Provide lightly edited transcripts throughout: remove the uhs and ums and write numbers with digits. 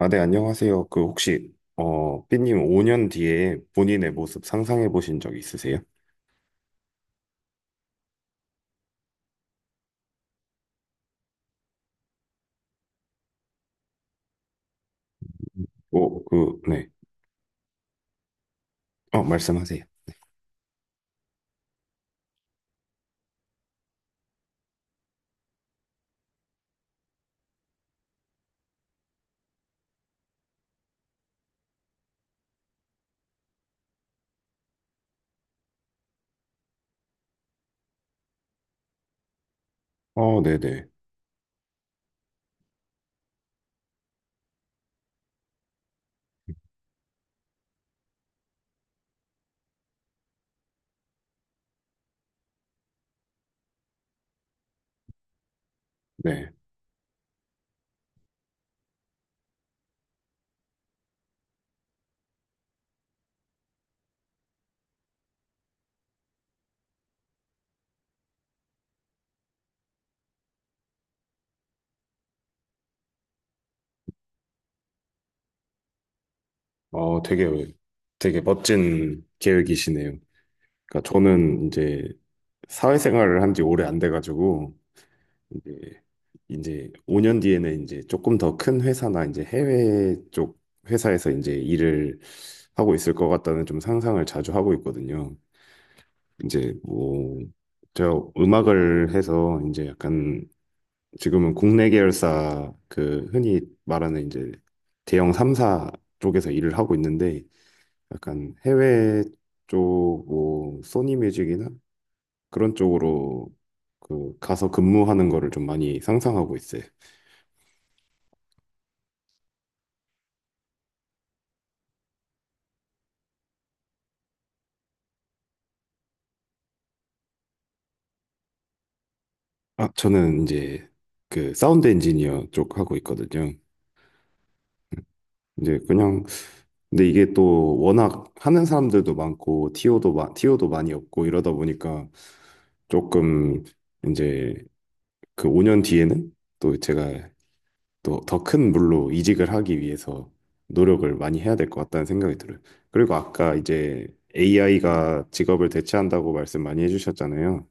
아, 네, 안녕하세요. 삐님 5년 뒤에 본인의 모습 상상해 보신 적 있으세요? 오, 그, 네. 말씀하세요. 어, 네네. 네. 네. 어, 되게, 되게 멋진 계획이시네요. 그러니까 저는 이제 사회생활을 한지 오래 안 돼가지고, 이제, 이제 5년 뒤에는 이제 조금 더 큰 회사나 이제 해외 쪽 회사에서 이제 일을 하고 있을 것 같다는 좀 상상을 자주 하고 있거든요. 이제 뭐 제가 음악을 해서 이제 약간 지금은 국내 계열사 그 흔히 말하는 이제 대형 3사 쪽에서 일을 하고 있는데 약간 해외 쪽 뭐 소니 뮤직이나 그런 쪽으로 그 가서 근무하는 거를 좀 많이 상상하고 있어요. 아, 저는 이제 그 사운드 엔지니어 쪽 하고 있거든요. 이제 그냥 근데 이게 또 워낙 하는 사람들도 많고 티오도 많이 없고 이러다 보니까 조금 이제 그 5년 뒤에는 또 제가 또 더 큰 물로 이직을 하기 위해서 노력을 많이 해야 될 것 같다는 생각이 들어요. 그리고 아까 이제 AI가 직업을 대체한다고 말씀 많이 해주셨잖아요.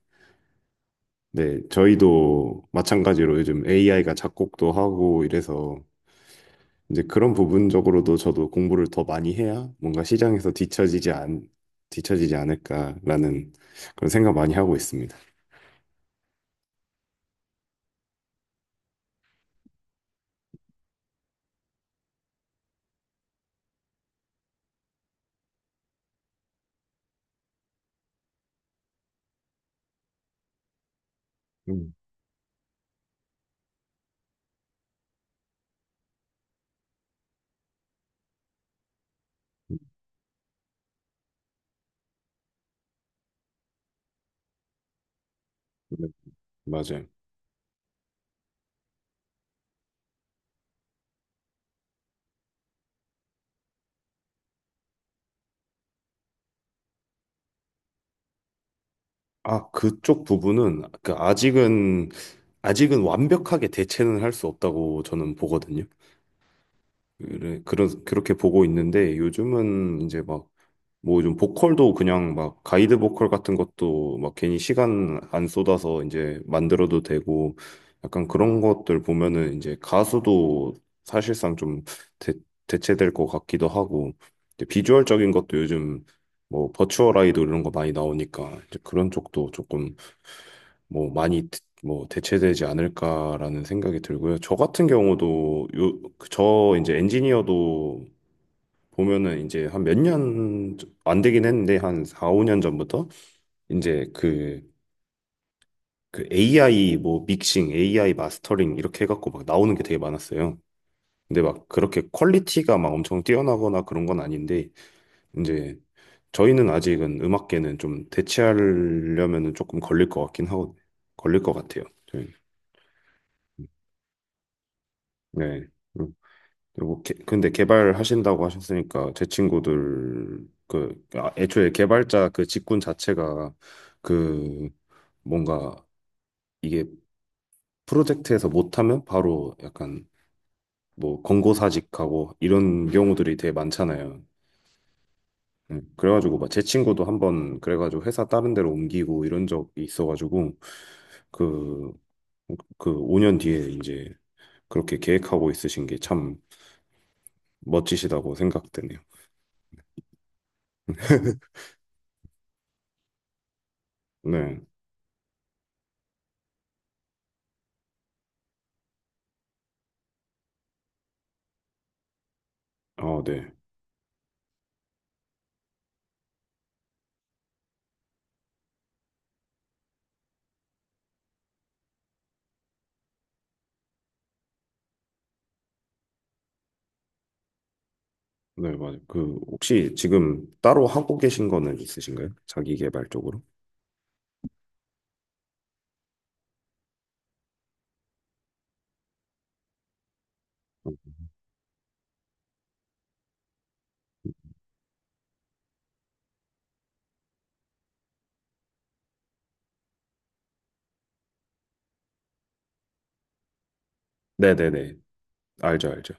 네, 저희도 마찬가지로 요즘 AI가 작곡도 하고 이래서 이제 그런 부분적으로도 저도 공부를 더 많이 해야 뭔가 시장에서 뒤처지지 않을까라는 그런 생각 많이 하고 있습니다. 음, 네, 맞아요. 아, 그쪽 부분은 아직은 완벽하게 대체는 할 수 없다고 저는 보거든요. 그렇게 보고 있는데 요즘은 이제 막 뭐 좀 보컬도 그냥 막 가이드 보컬 같은 것도 막 괜히 시간 안 쏟아서 이제 만들어도 되고 약간 그런 것들 보면은 이제 가수도 사실상 좀 대, 대체될 것 같기도 하고 이제 비주얼적인 것도 요즘 뭐 버추얼 아이돌 이런 거 많이 나오니까 이제 그런 쪽도 조금 뭐 대체되지 않을까라는 생각이 들고요. 저 같은 경우도 요, 그 저 이제 엔지니어도 보면은 이제 한 몇 년 안 되긴 했는데 한 4, 5년 전부터 이제 그, 그 AI 뭐 믹싱, AI 마스터링 이렇게 해갖고 막 나오는 게 되게 많았어요. 근데 막 그렇게 퀄리티가 막 엄청 뛰어나거나 그런 건 아닌데 이제 저희는 아직은 음악계는 좀 대체하려면은 조금 걸릴 것 같긴 하고 걸릴 것 같아요. 저희. 네. 음. 근데 개발하신다고 하셨으니까 제 친구들 애초에 개발자 그 직군 자체가 그 뭔가 이게 프로젝트에서 못하면 바로 약간 뭐 권고사직하고 이런 경우들이 되게 많잖아요. 그래가지고 막 제 친구도 한번 그래가지고 회사 다른 데로 옮기고 이런 적이 있어가지고 그 5년 뒤에 이제 그렇게 계획하고 있으신 게 참 멋지시다고 생각되네요. 네. 아, 네. 네, 맞아요. 그 혹시 지금 따로 하고 계신 거는 있으신가요? 자기 개발 쪽으로? 네, 네, 네. 알죠, 알죠.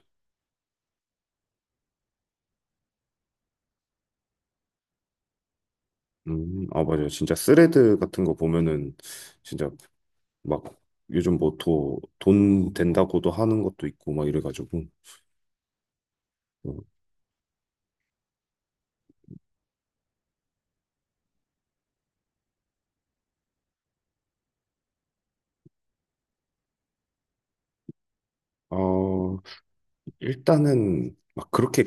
아, 맞아요. 진짜 스레드 같은 거 보면은 진짜 막 요즘 뭐돈 된다고도 하는 것도 있고 막 이래가지고 어, 아, 일단은 막 그렇게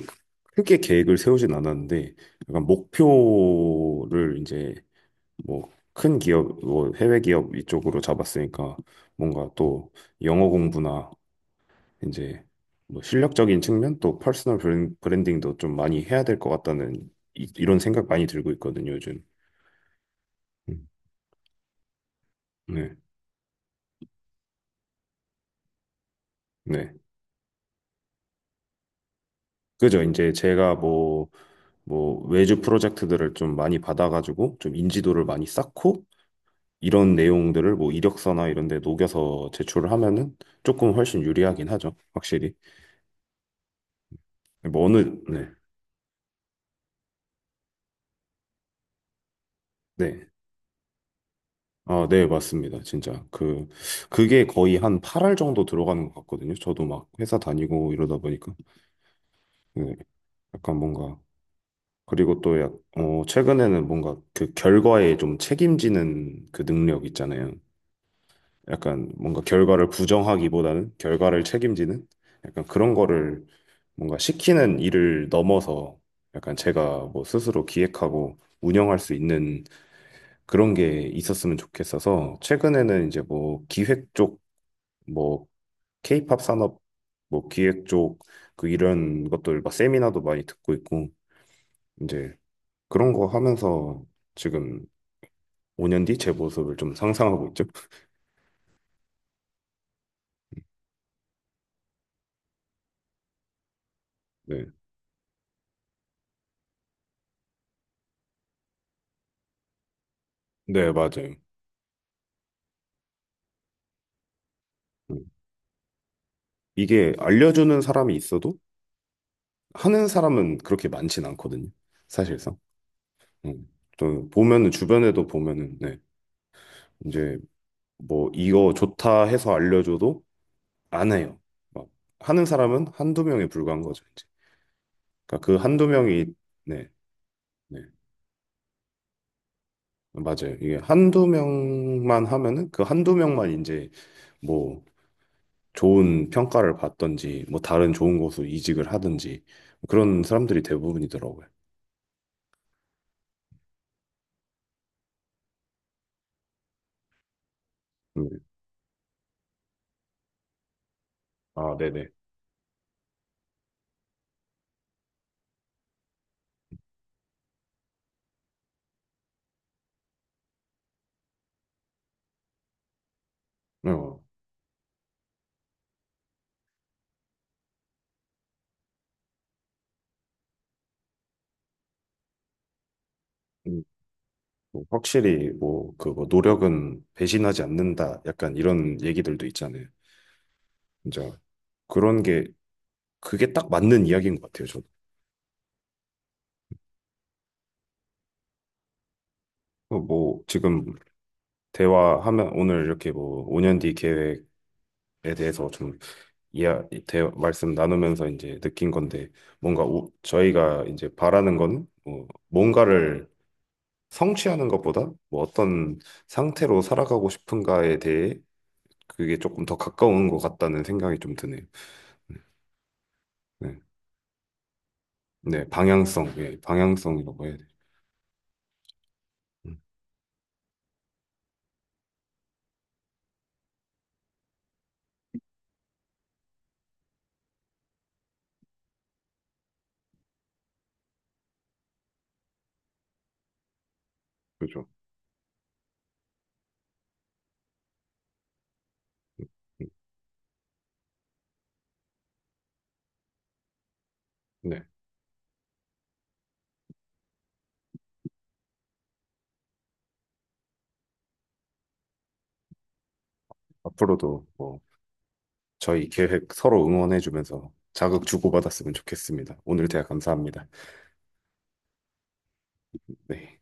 크게 계획을 세우진 않았는데 약간 목표를 이제 뭐 큰 기업, 뭐 해외 기업 이쪽으로 잡았으니까 뭔가 또 영어 공부나 이제 뭐 실력적인 측면 또 브랜딩도 좀 많이 해야 될 것 같다는 이런 생각 많이 들고 있거든요, 요즘. 음. 네. 네. 그죠. 뭐, 외주 프로젝트들을 좀 많이 받아가지고 좀 인지도를 많이 쌓고 이런 내용들을 뭐 이력서나 이런 데 녹여서 제출을 하면은 조금 훨씬 유리하긴 하죠. 확실히. 뭐 어느, 네. 네. 아, 네, 맞습니다. 진짜. 그게 거의 한 8알 정도 들어가는 것 같거든요. 저도 막 회사 다니고 이러다 보니까. 그 약간 뭔가 그리고 또 약, 어, 최근에는 뭔가 그 결과에 좀 책임지는 그 능력 있잖아요. 약간 뭔가 결과를 부정하기보다는 결과를 책임지는 약간 그런 거를 뭔가 시키는 일을 넘어서 약간 제가 뭐 스스로 기획하고 운영할 수 있는 그런 게 있었으면 좋겠어서 최근에는 이제 뭐 기획 쪽, 뭐 케이팝 산업 뭐 기획 쪽 그 이런 것들 막 세미나도 많이 듣고 있고 이제 그런 거 하면서 지금 5년 뒤 제 모습을 좀 상상하고 있죠. 네. 네, 맞아요. 음. 이게 알려주는 사람이 있어도 하는 사람은 그렇게 많진 않거든요. 사실상. 음. 또 보면은 주변에도 보면은 네. 이제 뭐 이거 좋다 해서 알려줘도 안 해요. 막 하는 사람은 한두 명에 불과한 거죠, 이제. 그러니까 그 한두 명이 네. 네. 맞아요. 이게 한두 명만 하면은 그 한두 명만 이제 뭐 좋은 평가를 받던지 뭐 다른 좋은 곳으로 이직을 하든지 그런 사람들이 대부분이더라고요. 음. 아, 네네. 어. 음, 뭐 확실히 뭐 그거 노력은 배신하지 않는다 약간 이런 얘기들도 있잖아요. 진짜 그런 게 그게 딱 맞는 이야기인 것 같아요. 저도 어, 뭐 지금 대화하면 오늘 이렇게 뭐 5년 뒤 계획에 대해서 좀 이야 대 말씀 나누면서 이제 느낀 건데 저희가 이제 바라는 건뭐 뭔가를 성취하는 것보다 뭐 어떤 상태로 살아가고 싶은가에 대해 그게 조금 더 가까운 것 같다는 생각이 좀 드네요. 네, 네, 네, 방향성, 예, 방향성이라고 해야 돼요. 음, 그죠. 음, 음. 네, 앞으로도 뭐 저희 계획 서로 응원해주면서 자극 주고받았으면 좋겠습니다. 오늘 대화 감사합니다. 네.